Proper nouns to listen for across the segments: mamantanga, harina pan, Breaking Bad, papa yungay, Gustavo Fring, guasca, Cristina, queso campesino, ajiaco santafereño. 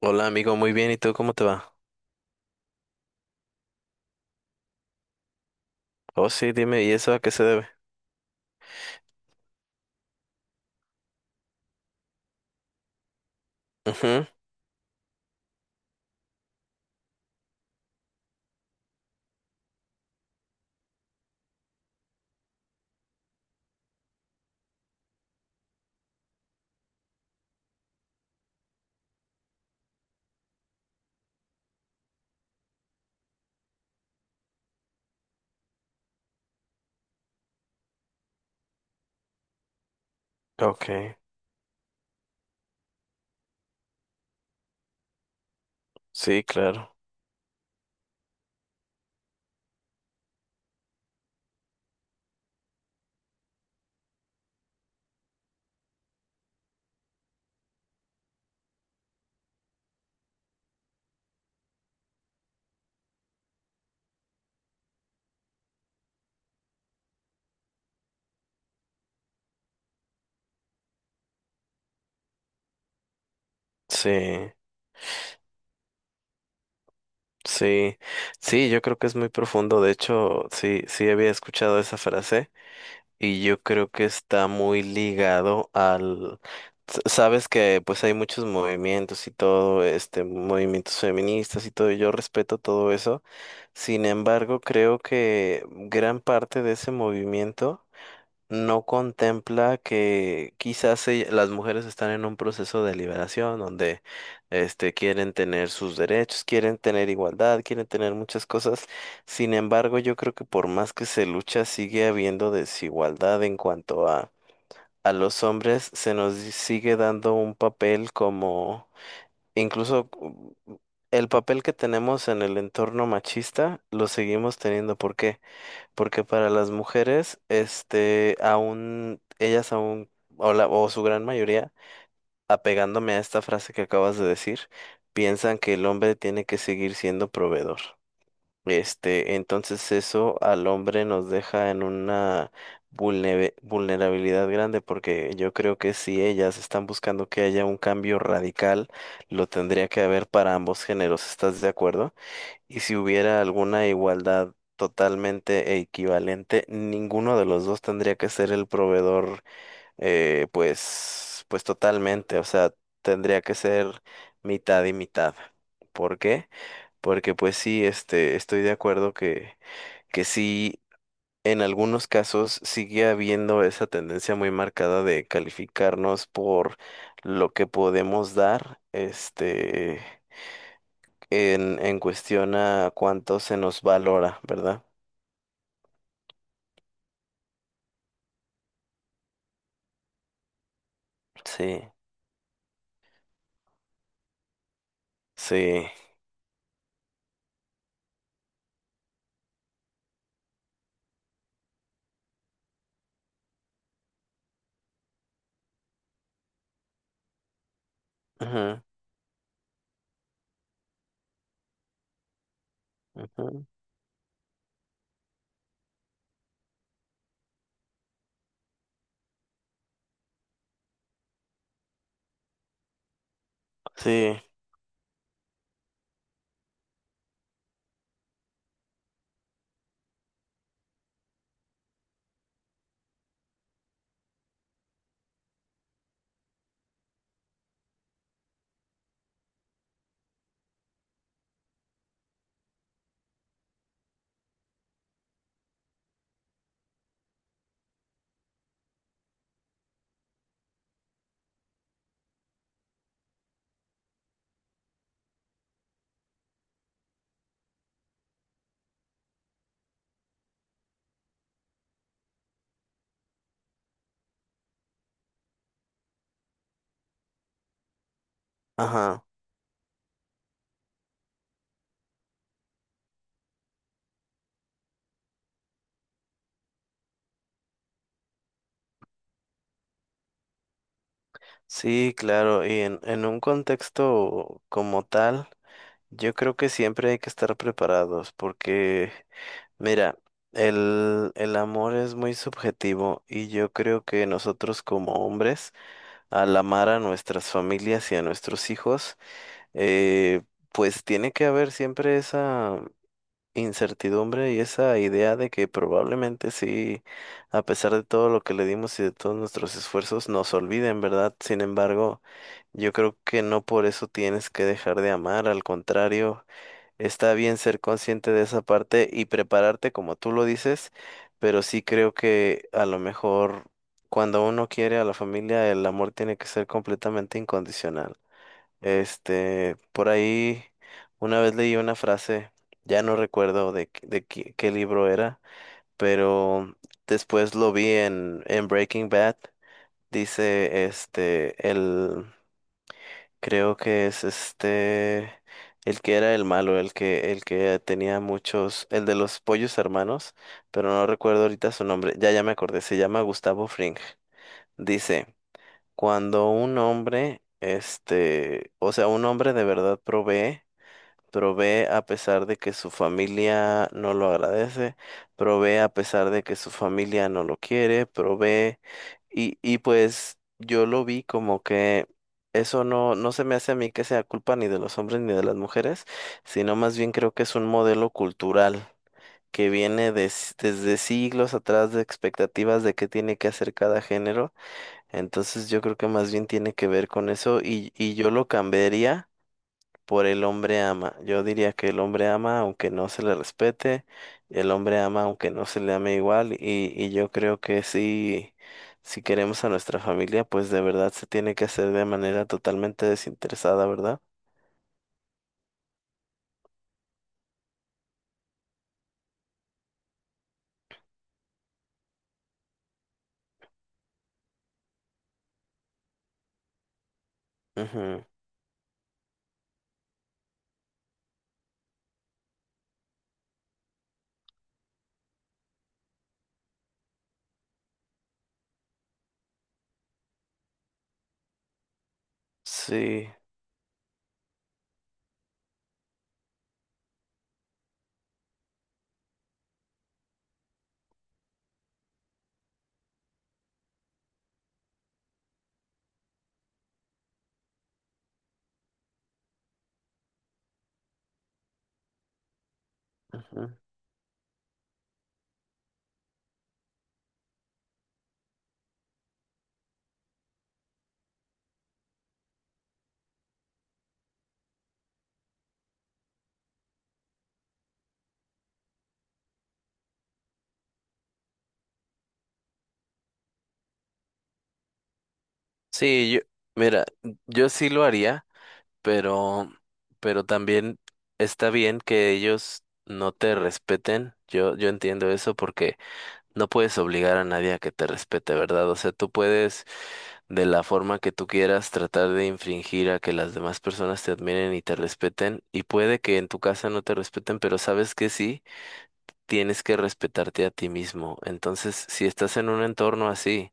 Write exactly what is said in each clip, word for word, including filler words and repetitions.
Hola amigo, muy bien, ¿y tú cómo te va? Oh, sí, dime, ¿y eso a qué se debe? Ujú. Ok, sí, claro, sí, sí, sí, yo creo que es muy profundo, de hecho, sí, sí había escuchado esa frase y yo creo que está muy ligado al, s- sabes que pues hay muchos movimientos y todo, este, movimientos feministas y todo, y yo respeto todo eso, sin embargo, creo que gran parte de ese movimiento no contempla que quizás ella- las mujeres están en un proceso de liberación donde este, quieren tener sus derechos, quieren tener igualdad, quieren tener muchas cosas. Sin embargo, yo creo que por más que se lucha, sigue habiendo desigualdad en cuanto a, a los hombres. Se nos di- sigue dando un papel como incluso... mm, el papel que tenemos en el entorno machista lo seguimos teniendo. ¿Por qué? Porque para las mujeres, este, aún, ellas aún, o, la- o su gran mayoría, apegándome a esta frase que acabas de decir, piensan que el hombre tiene que seguir siendo proveedor. Este, entonces eso al hombre nos deja en una vulneve- vulnerabilidad grande, porque yo creo que si ellas están buscando que haya un cambio radical, lo tendría que haber para ambos géneros. ¿Estás de acuerdo? Y si hubiera alguna igualdad totalmente equivalente, ninguno de los dos tendría que ser el proveedor, eh, pues, pues totalmente, o sea, tendría que ser mitad y mitad. ¿Por qué? Porque pues sí, este, estoy de acuerdo que, que sí, en algunos casos sigue habiendo esa tendencia muy marcada de calificarnos por lo que podemos dar, este en, en cuestión a cuánto se nos valora, ¿verdad? Sí, sí. Ujú, ujú. Sí, ajá. Sí, claro. Y en, en un contexto como tal, yo creo que siempre hay que estar preparados porque, mira, el, el amor es muy subjetivo y yo creo que nosotros como hombres, al amar a nuestras familias y a nuestros hijos, eh, pues tiene que haber siempre esa... incertidumbre y esa idea de que probablemente sí, a pesar de todo lo que le dimos y de todos nuestros esfuerzos, nos olviden, ¿verdad? Sin embargo, yo creo que no por eso tienes que dejar de amar, al contrario, está bien ser consciente de esa parte y prepararte como tú lo dices, pero sí creo que a lo mejor cuando uno quiere a la familia, el amor tiene que ser completamente incondicional. Este, por ahí una vez leí una frase, ya no recuerdo de, qué- de qué, qué libro era, pero después lo vi en, en Breaking Bad. Dice, este, el, creo que es este, el que era el malo, el que, el que tenía muchos, el de los pollos hermanos, pero no recuerdo ahorita su nombre, ya, ya me acordé, se llama Gustavo Fring. Dice, cuando un hombre, este, o sea, un hombre de verdad provee, provee a pesar de que su familia no lo agradece, provee a pesar de que su familia no lo quiere, provee y, y pues yo lo vi como que eso no, no se me hace a mí que sea culpa ni de los hombres ni de las mujeres, sino más bien creo que es un modelo cultural que viene des- desde siglos atrás de expectativas de qué tiene que hacer cada género. Entonces yo creo que más bien tiene que ver con eso y, y yo lo cambiaría por el hombre ama. Yo diría que el hombre ama aunque no se le respete, el hombre ama aunque no se le ame igual y, y yo creo que sí, si queremos a nuestra familia, pues de verdad se tiene que hacer de manera totalmente desinteresada, ¿verdad? Ujú. Sí. Ujú. Sí, yo, mira, yo sí lo haría, pero, pero también está bien que ellos no te respeten. Yo, yo entiendo eso porque no puedes obligar a nadie a que te respete, ¿verdad? O sea, tú puedes, de la forma que tú quieras, tratar de infringir a que las demás personas te admiren y te respeten. Y puede que en tu casa no te respeten, pero sabes que sí, tienes que respetarte a ti mismo. Entonces, si estás en un entorno así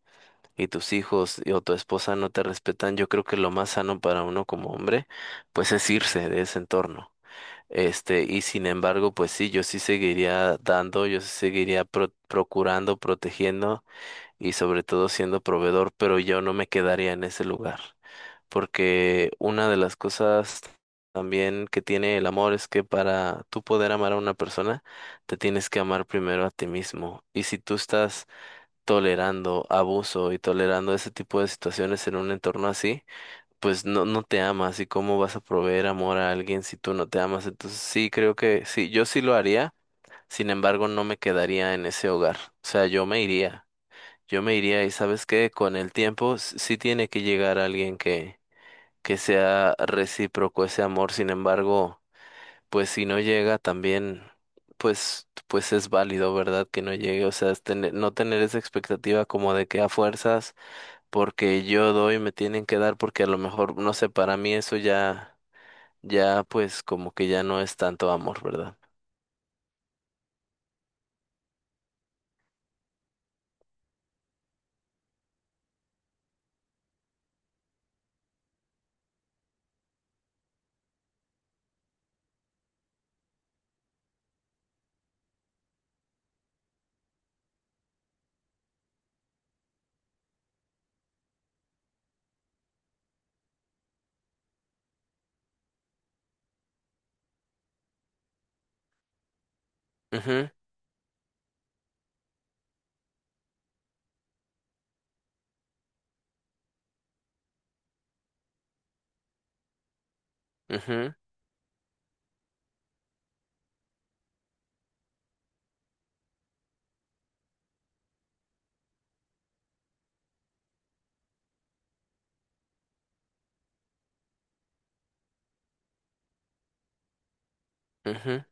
y tus hijos y- o tu esposa no te respetan, yo creo que lo más sano para uno como hombre, pues es irse de ese entorno. Este, y sin embargo, pues sí, yo sí seguiría dando, yo sí seguiría pro- procurando, protegiendo y sobre todo siendo proveedor, pero yo no me quedaría en ese lugar, porque una de las cosas también que tiene el amor es que para tú poder amar a una persona, te tienes que amar primero a ti mismo. Y si tú estás tolerando abuso y tolerando ese tipo de situaciones en un entorno así, pues no, no te amas y cómo vas a proveer amor a alguien si tú no te amas. Entonces sí, creo que sí, yo sí lo haría, sin embargo no me quedaría en ese hogar, o sea, yo me iría. Yo me iría y sabes que con el tiempo s- sí tiene que llegar alguien que, que sea recíproco ese amor, sin embargo, pues si no llega también, pues, pues es válido, ¿verdad? Que no llegue, o sea, es tener- no tener esa expectativa como de que a fuerzas, porque yo doy, me tienen que dar, porque a lo mejor, no sé, para mí eso ya, ya pues como que ya no es tanto amor, ¿verdad? Ujú, ujú, ujú.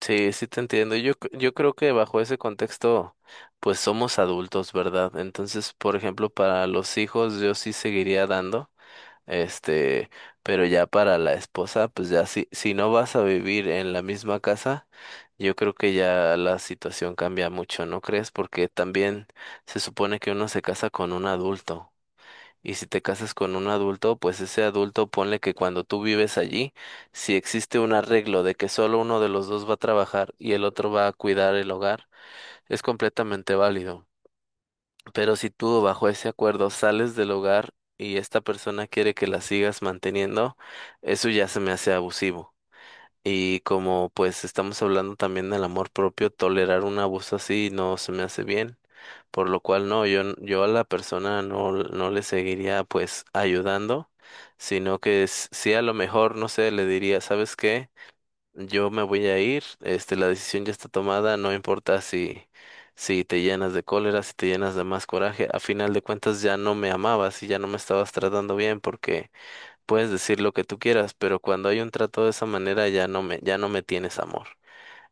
Sí, sí te entiendo. Yo, c- yo creo que bajo ese contexto, pues somos adultos, ¿verdad? Entonces, por ejemplo, para los hijos yo sí seguiría dando, este, pero ya para la esposa, pues ya si, si no vas a vivir en la misma casa, yo creo que ya la situación cambia mucho, ¿no crees? Porque también se supone que uno se casa con un adulto. Y si te casas con un adulto, pues ese adulto ponle que cuando tú vives allí, si existe un arreglo de que solo uno de los dos va a trabajar y el otro va a cuidar el hogar, es completamente válido. Pero si tú bajo ese acuerdo sales del hogar y esta persona quiere que la sigas manteniendo, eso ya se me hace abusivo. Y como pues estamos hablando también del amor propio, tolerar un abuso así no se me hace bien, por lo cual no, yo, n- yo a la persona no, l- no le seguiría pues ayudando, sino que s- sí a lo mejor, no sé, le diría, ¿sabes qué? Yo me voy a ir, este, la decisión ya está tomada, no importa si, si te llenas de cólera, si te llenas de más coraje, a final de cuentas ya no me amabas y ya no me estabas tratando bien porque puedes decir lo que tú quieras, pero cuando hay un trato de esa manera ya no me, ya no me tienes amor.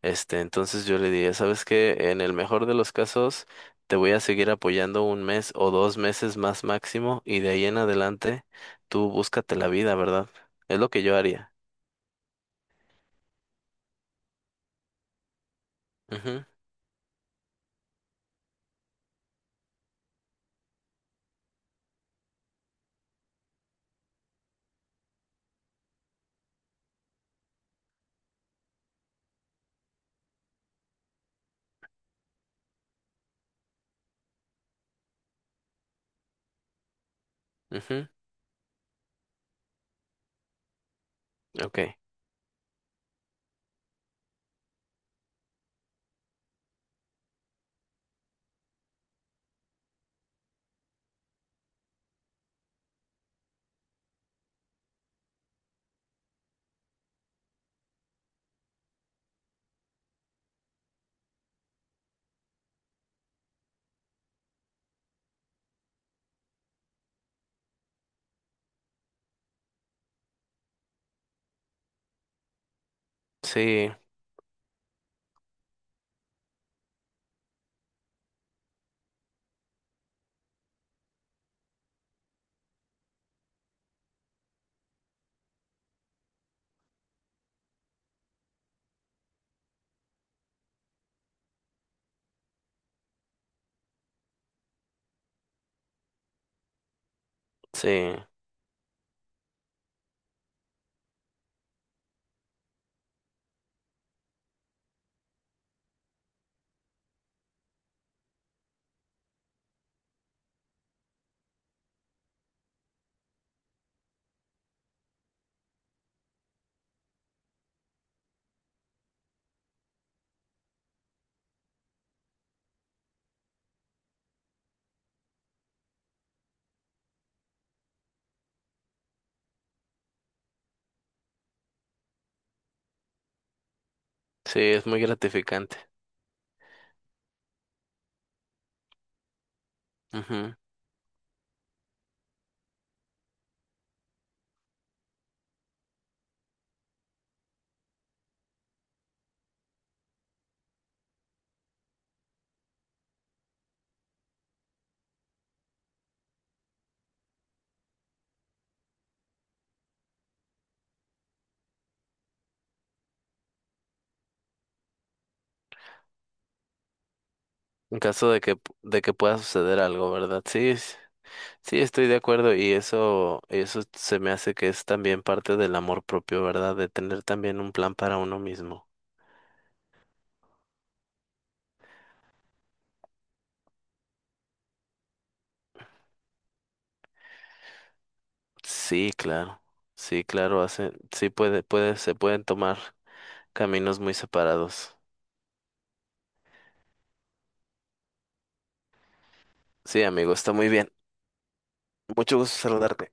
Este, entonces yo le diría, ¿sabes qué? En el mejor de los casos, te voy a seguir apoyando un mes o dos meses más máximo y de ahí en adelante tú búscate la vida, ¿verdad? Es lo que yo haría. Ujú, ujú, ok. Sí, sí, sí, es muy gratificante. Ujú. En caso de que, de que pueda suceder algo, ¿verdad? Sí, sí. Sí, estoy de acuerdo y eso, eso se me hace que es también parte del amor propio, ¿verdad? De tener también un plan para uno mismo. Sí, claro. Sí, claro, hace, sí puede, puede, se pueden tomar caminos muy separados. Sí, amigo, está muy bien. Mucho gusto saludarte.